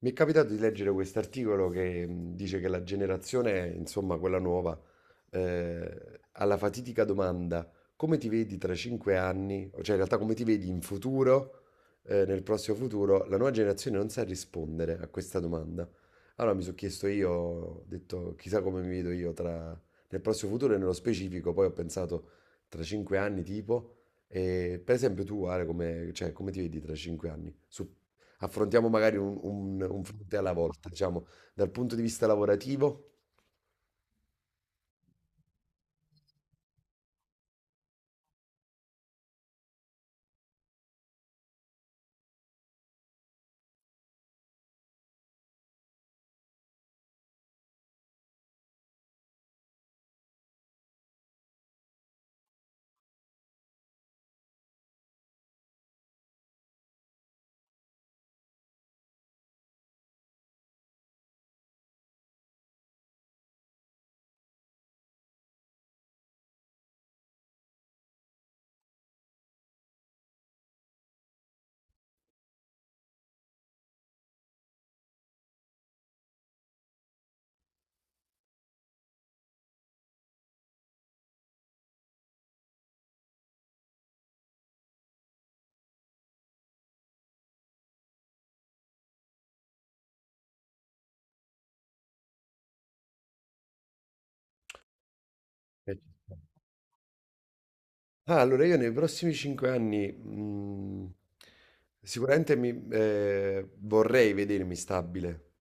Mi è capitato di leggere quest'articolo che dice che la generazione, insomma, quella nuova, alla fatidica domanda come ti vedi tra 5 anni, o cioè in realtà come ti vedi in futuro, nel prossimo futuro, la nuova generazione non sa rispondere a questa domanda. Allora mi sono chiesto io, ho detto chissà come mi vedo io tra, nel prossimo futuro e nello specifico, poi ho pensato tra 5 anni tipo, e per esempio tu Ale, cioè, come ti vedi tra cinque anni? Affrontiamo magari un fronte alla volta, diciamo, dal punto di vista lavorativo. Eh, Ah, allora io nei prossimi 5 anni sicuramente vorrei vedermi stabile,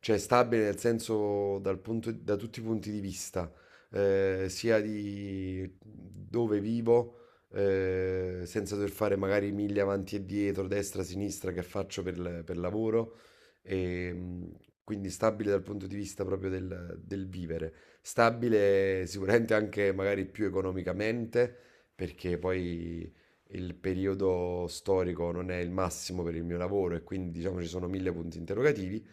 cioè stabile nel senso da tutti i punti di vista, sia di dove vivo, senza dover fare magari miglia avanti e dietro, destra, sinistra che faccio per lavoro, e, quindi stabile dal punto di vista proprio del vivere, stabile sicuramente anche magari più economicamente perché poi il periodo storico non è il massimo per il mio lavoro e quindi diciamo ci sono mille punti interrogativi,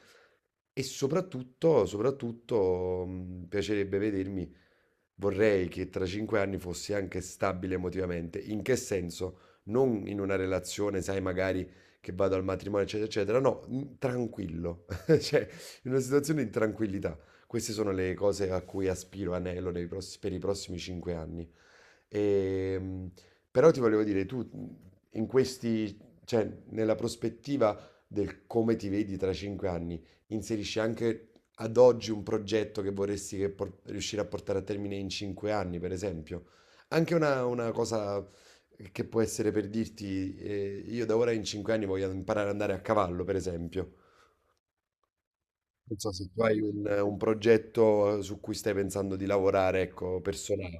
e soprattutto piacerebbe vedermi, vorrei che tra 5 anni fossi anche stabile emotivamente. In che senso? Non in una relazione, sai, magari che vado al matrimonio, eccetera, eccetera. No, tranquillo, cioè in una situazione di tranquillità. Queste sono le cose a cui aspiro, anello per i prossimi 5 anni. E, mh, Però ti volevo dire, tu in questi, cioè nella prospettiva del come ti vedi tra cinque anni, inserisci anche ad oggi un progetto che vorresti riuscire a portare a termine in 5 anni, per esempio. Anche una cosa che può essere per dirti, io da ora in 5 anni voglio imparare ad andare a cavallo, per esempio. Non so se tu hai un progetto su cui stai pensando di lavorare, ecco, personale.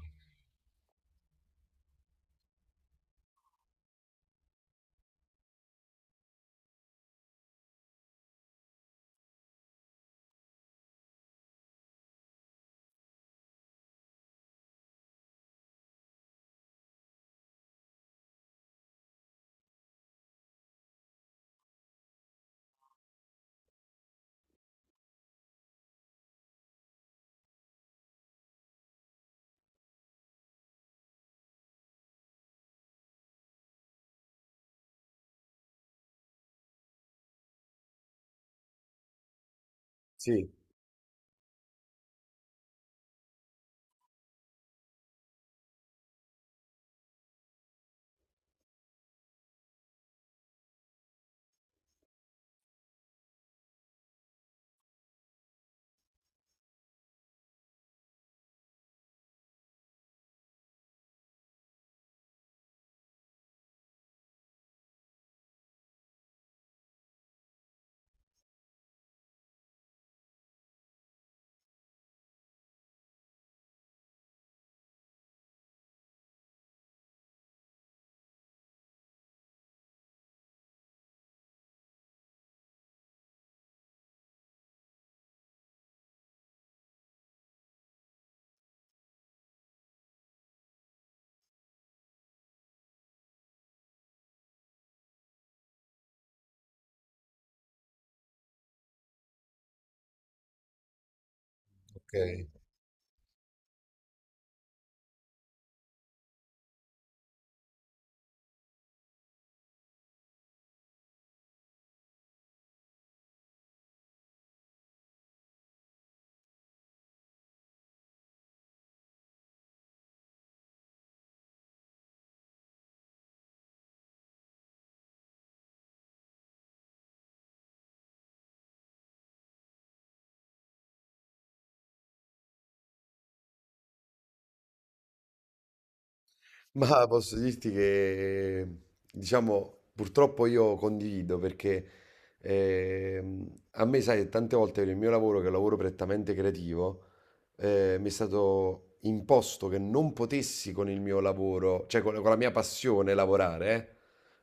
Sì, ok. Ma posso dirti che, diciamo, purtroppo io condivido perché a me, sai, tante volte nel mio lavoro, che è un lavoro prettamente creativo, mi è stato imposto che non potessi con il mio lavoro, cioè con la mia passione lavorare, eh.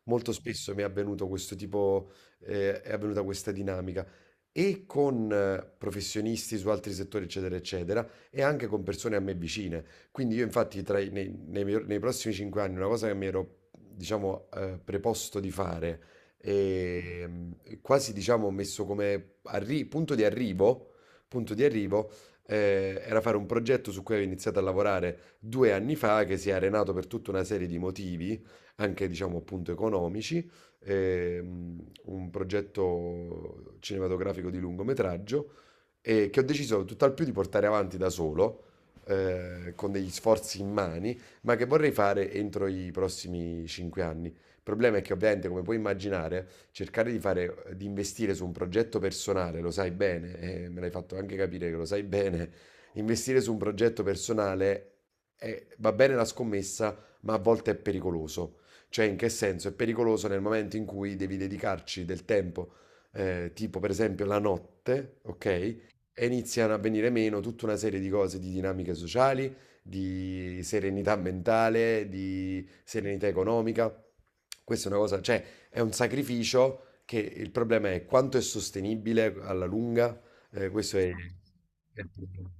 Molto spesso mi è avvenuto questo tipo, è avvenuta questa dinamica e con professionisti su altri settori, eccetera, eccetera, e anche con persone a me vicine. Quindi io infatti nei prossimi cinque anni una cosa che mi ero, diciamo, preposto di fare e quasi, diciamo, messo come punto di arrivo, era fare un progetto su cui avevo iniziato a lavorare 2 anni fa, che si è arenato per tutta una serie di motivi, anche diciamo appunto economici, un progetto cinematografico di lungometraggio e che ho deciso tutt'al più di portare avanti da solo, con degli sforzi in mani, ma che vorrei fare entro i prossimi 5 anni. Il problema è che ovviamente, come puoi immaginare, cercare di fare, di investire su un progetto personale, lo sai bene, e me l'hai fatto anche capire che lo sai bene, investire su un progetto personale va bene la scommessa, ma a volte è pericoloso. Cioè, in che senso? È pericoloso nel momento in cui devi dedicarci del tempo tipo per esempio la notte, ok? E iniziano a venire meno tutta una serie di cose, di dinamiche sociali, di serenità mentale, di serenità economica. Questa è una cosa, cioè è un sacrificio che il problema è quanto è sostenibile alla lunga. Questo è il problema.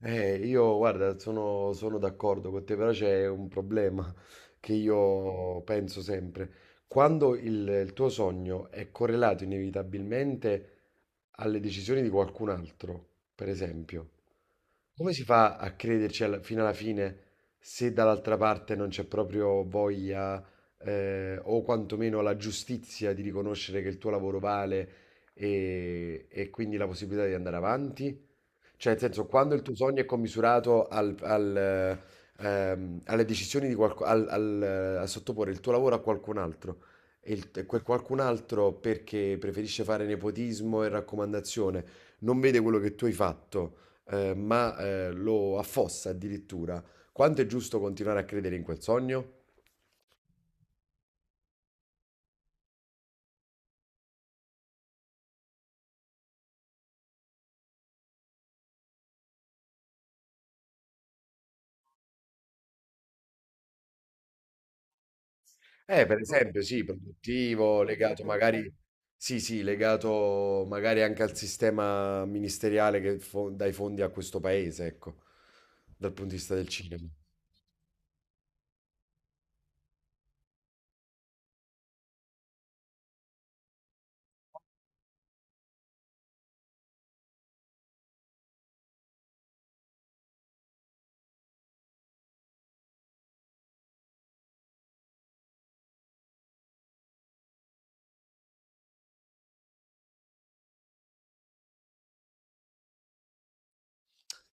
Io guarda, sono d'accordo con te, però c'è un problema che io penso sempre. Quando il tuo sogno è correlato inevitabilmente alle decisioni di qualcun altro, per esempio, come si fa a crederci fino alla fine se dall'altra parte non c'è proprio voglia, o quantomeno la giustizia di riconoscere che il tuo lavoro vale e quindi la possibilità di andare avanti? Cioè, nel senso, quando il tuo sogno è commisurato alle decisioni di qualcuno, a sottoporre il tuo lavoro a qualcun altro, e quel qualcun altro perché preferisce fare nepotismo e raccomandazione, non vede quello che tu hai fatto, ma lo affossa addirittura, quanto è giusto continuare a credere in quel sogno? Per esempio, sì, produttivo, sì, sì, legato magari anche al sistema ministeriale che dà i fondi a questo paese, ecco, dal punto di vista del cinema.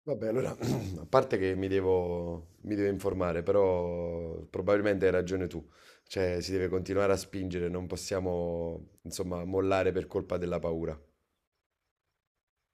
Vabbè, allora, a parte che mi devo informare, però probabilmente hai ragione tu, cioè si deve continuare a spingere, non possiamo, insomma, mollare per colpa della paura.